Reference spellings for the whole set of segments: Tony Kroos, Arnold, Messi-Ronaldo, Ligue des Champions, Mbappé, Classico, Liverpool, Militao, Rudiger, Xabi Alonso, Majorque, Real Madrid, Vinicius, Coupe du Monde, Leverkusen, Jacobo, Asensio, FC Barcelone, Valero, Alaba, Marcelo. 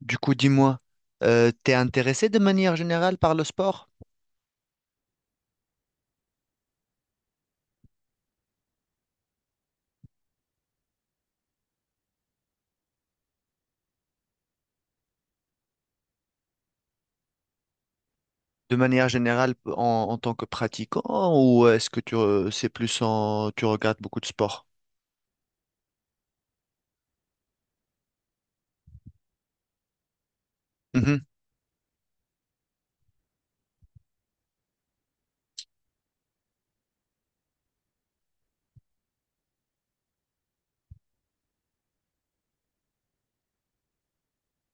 Du coup, dis-moi, t'es intéressé de manière générale par le sport? De manière générale en tant que pratiquant ou est-ce que tu c'est plus en tu regardes beaucoup de sport?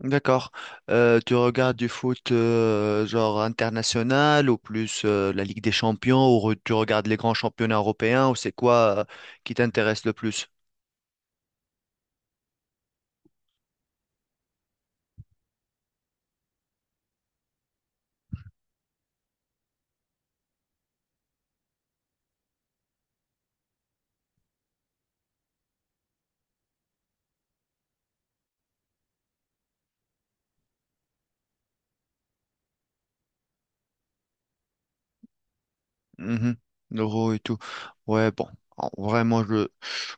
Mhm, d'accord. Tu regardes du foot genre international ou plus la Ligue des Champions ou tu regardes les grands championnats européens ou c'est quoi qui t'intéresse le plus? Mhm. L'euro et tout. Ouais, bon. Vraiment,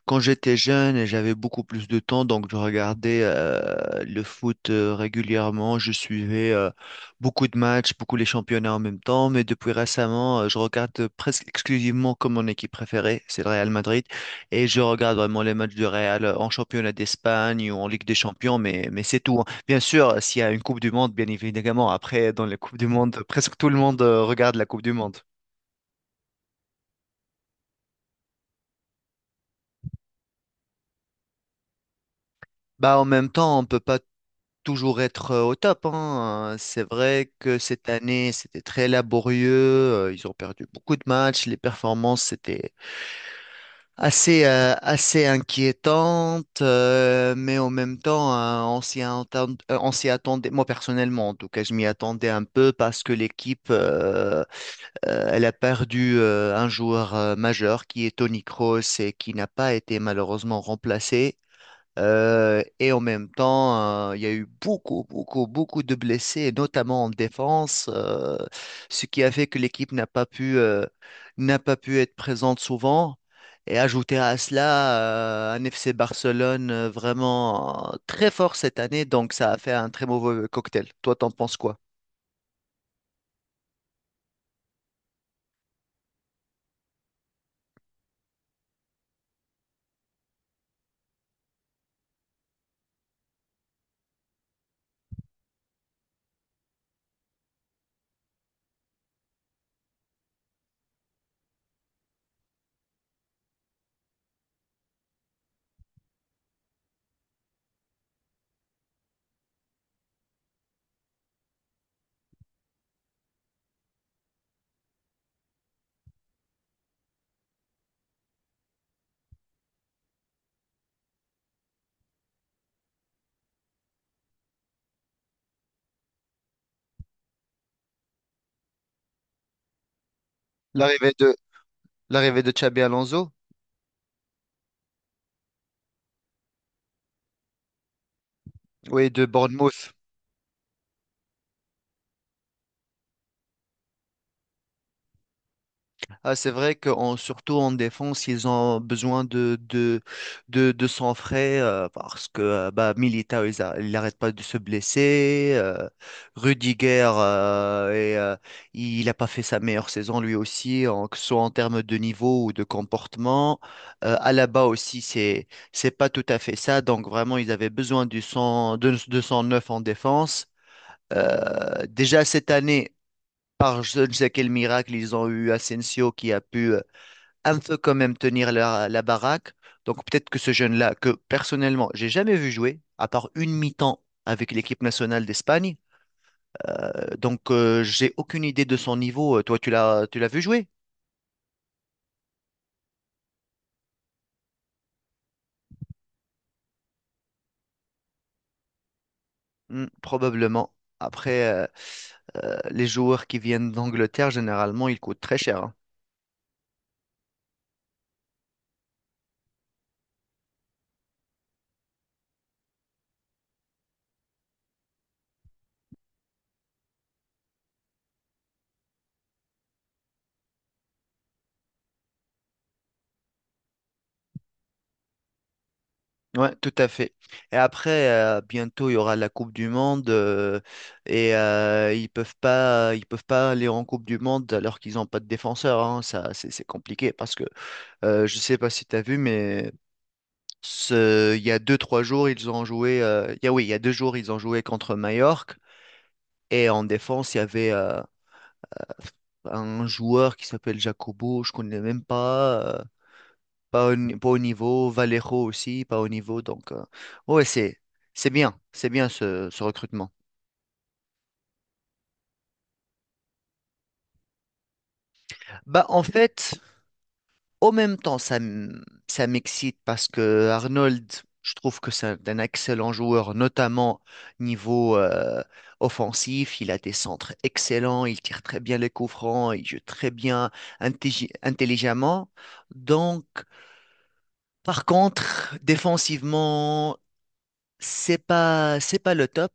quand j'étais jeune, et j'avais beaucoup plus de temps, donc je regardais le foot régulièrement. Je suivais beaucoup de matchs, beaucoup les championnats en même temps. Mais depuis récemment, je regarde presque exclusivement comme mon équipe préférée, c'est le Real Madrid. Et je regarde vraiment les matchs du Real en championnat d'Espagne ou en Ligue des Champions, mais c'est tout, hein. Bien sûr, s'il y a une Coupe du Monde, bien évidemment, après, dans la Coupe du Monde, presque tout le monde regarde la Coupe du Monde. Bah, en même temps, on peut pas toujours être au top, hein. C'est vrai que cette année, c'était très laborieux. Ils ont perdu beaucoup de matchs. Les performances, c'était assez inquiétantes. Mais en même temps, on on s'y attendait. Moi, personnellement, en tout cas, je m'y attendais un peu parce que l'équipe, elle a perdu un joueur majeur qui est Tony Kroos et qui n'a pas été malheureusement remplacé. Et en même temps, il y a eu beaucoup, beaucoup, beaucoup de blessés, et notamment en défense, ce qui a fait que l'équipe n'a pas pu être présente souvent. Et ajouter à cela, un FC Barcelone vraiment très fort cette année, donc ça a fait un très mauvais cocktail. Toi, t'en penses quoi? L'arrivée de, L'arrivée de Xabi Alonso, oui, de Bournemouth. Ah, c'est vrai que surtout en défense, ils ont besoin de sang frais parce que bah, Militao, il n'arrête pas de se blesser. Rudiger, il n'a pas fait sa meilleure saison lui aussi, en, que ce soit en termes de niveau ou de comportement. Alaba aussi, c'est pas tout à fait ça. Donc vraiment, ils avaient besoin du de sang neuf en défense. Déjà cette année, par je ne sais quel miracle, ils ont eu Asensio qui a pu un peu quand même tenir la baraque. Donc peut-être que ce jeune-là, que personnellement, j'ai jamais vu jouer, à part une mi-temps avec l'équipe nationale d'Espagne. Donc j'ai aucune idée de son niveau. Toi, tu l'as vu jouer? Hmm, probablement. Après, les joueurs qui viennent d'Angleterre, généralement, ils coûtent très cher, hein. Ouais, tout à fait. Et après, bientôt, il y aura la Coupe du Monde et ils peuvent pas aller en Coupe du Monde alors qu'ils n'ont pas de défenseur, hein. Ça, c'est compliqué parce que je sais pas si tu as vu, mais il y a trois jours, ils ont joué. Oui, il y a deux jours, ils ont joué contre Majorque. Et en défense, il y avait un joueur qui s'appelle Jacobo, je connais même pas. Pas, au, ni- Pas au niveau. Valero aussi, pas au niveau. Ouais, c'est bien. C'est bien ce recrutement. Bah, en fait, En même temps, ça m'excite parce que Arnold, je trouve que c'est un excellent joueur, notamment niveau offensif. Il a des centres excellents, il tire très bien les coups francs, il joue très bien intelligemment. Donc, par contre, défensivement, c'est pas le top.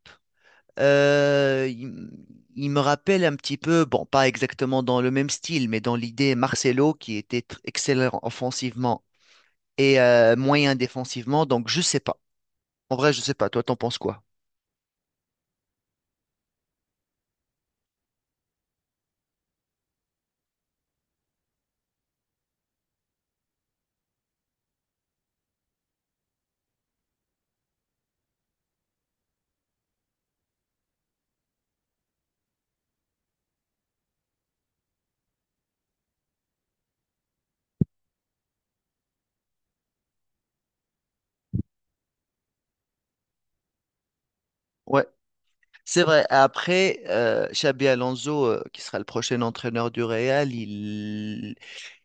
Euh, il, il me rappelle un petit peu, bon, pas exactement dans le même style, mais dans l'idée Marcelo qui était excellent offensivement et moyen défensivement. Donc, je sais pas. En vrai, je sais pas. Toi, t'en penses quoi? Ouais. C'est vrai. Après, Xabi Alonso, qui sera le prochain entraîneur du Real,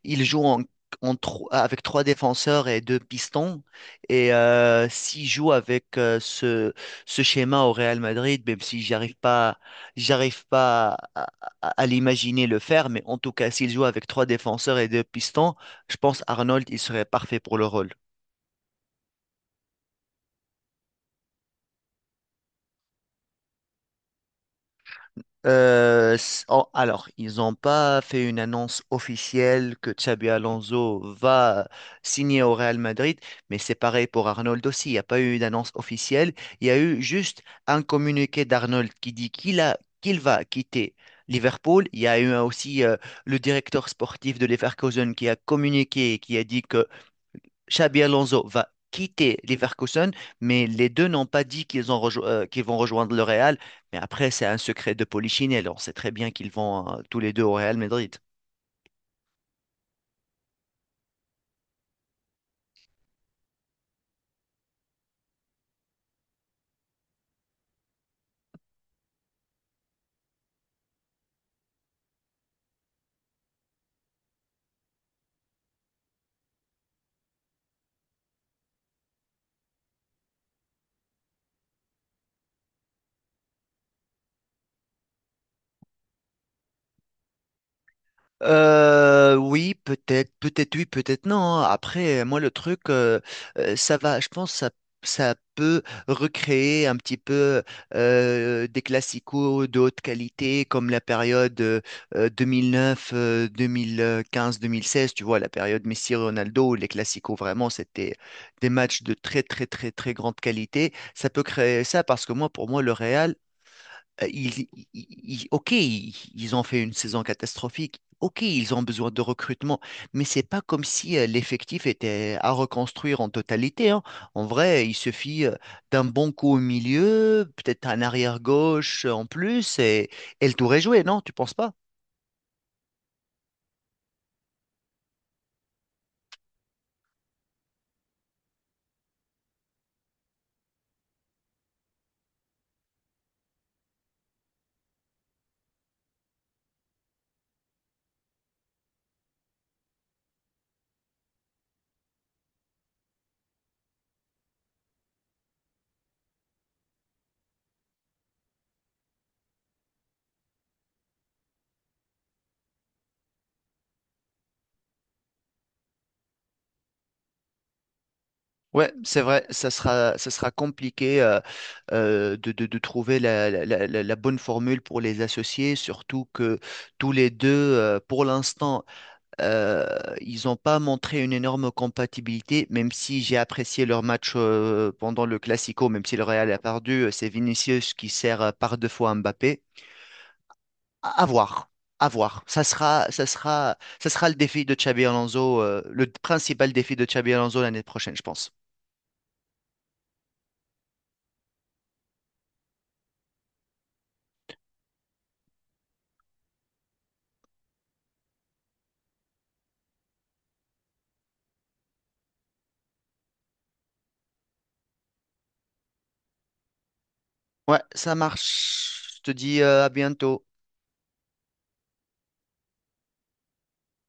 il joue avec trois défenseurs et deux pistons. Et s'il joue avec ce schéma au Real Madrid, même si j'arrive pas à l'imaginer le faire, mais en tout cas, s'il joue avec trois défenseurs et deux pistons, je pense Arnold, il serait parfait pour le rôle. Alors, ils n'ont pas fait une annonce officielle que Xabi Alonso va signer au Real Madrid, mais c'est pareil pour Arnold aussi. Il n'y a pas eu d'annonce officielle. Il y a eu juste un communiqué d'Arnold qui dit qu'il va quitter Liverpool. Il y a eu aussi le directeur sportif de Leverkusen qui a communiqué, et qui a dit que Xabi Alonso va quitter Leverkusen, mais les deux n'ont pas dit qu'ils qu'ils vont rejoindre le Real. Mais après, c'est un secret de Polichinelle. On sait très bien qu'ils vont tous les deux au Real Madrid. Oui, peut-être, peut-être oui, peut-être non, hein. Après, moi, le truc, ça va, je pense, ça peut recréer un petit peu des classicos de haute qualité, comme la période 2009, 2015, 2016, tu vois, la période Messi-Ronaldo, où les classicos, vraiment, c'était des matchs de très, très, très, très grande qualité. Ça peut créer ça parce que moi, pour moi, le Real, ok, ils ont fait une saison catastrophique. Ok, ils ont besoin de recrutement, mais c'est pas comme si l'effectif était à reconstruire en totalité, hein. En vrai, il suffit d'un bon coup au milieu, peut-être un arrière-gauche en plus, et le tour est joué, non? Tu penses pas? Ouais, c'est vrai, ça sera compliqué de trouver la bonne formule pour les associer, surtout que tous les deux, pour l'instant, Euh, ils n'ont pas montré une énorme compatibilité, même si j'ai apprécié leur match pendant le Classico, même si le Real a perdu, c'est Vinicius qui sert par deux fois Mbappé. À voir, à voir. Ça sera le défi de Xabi Alonso, le principal défi de Xabi Alonso l'année prochaine, je pense. Ouais, ça marche. Je te dis à bientôt.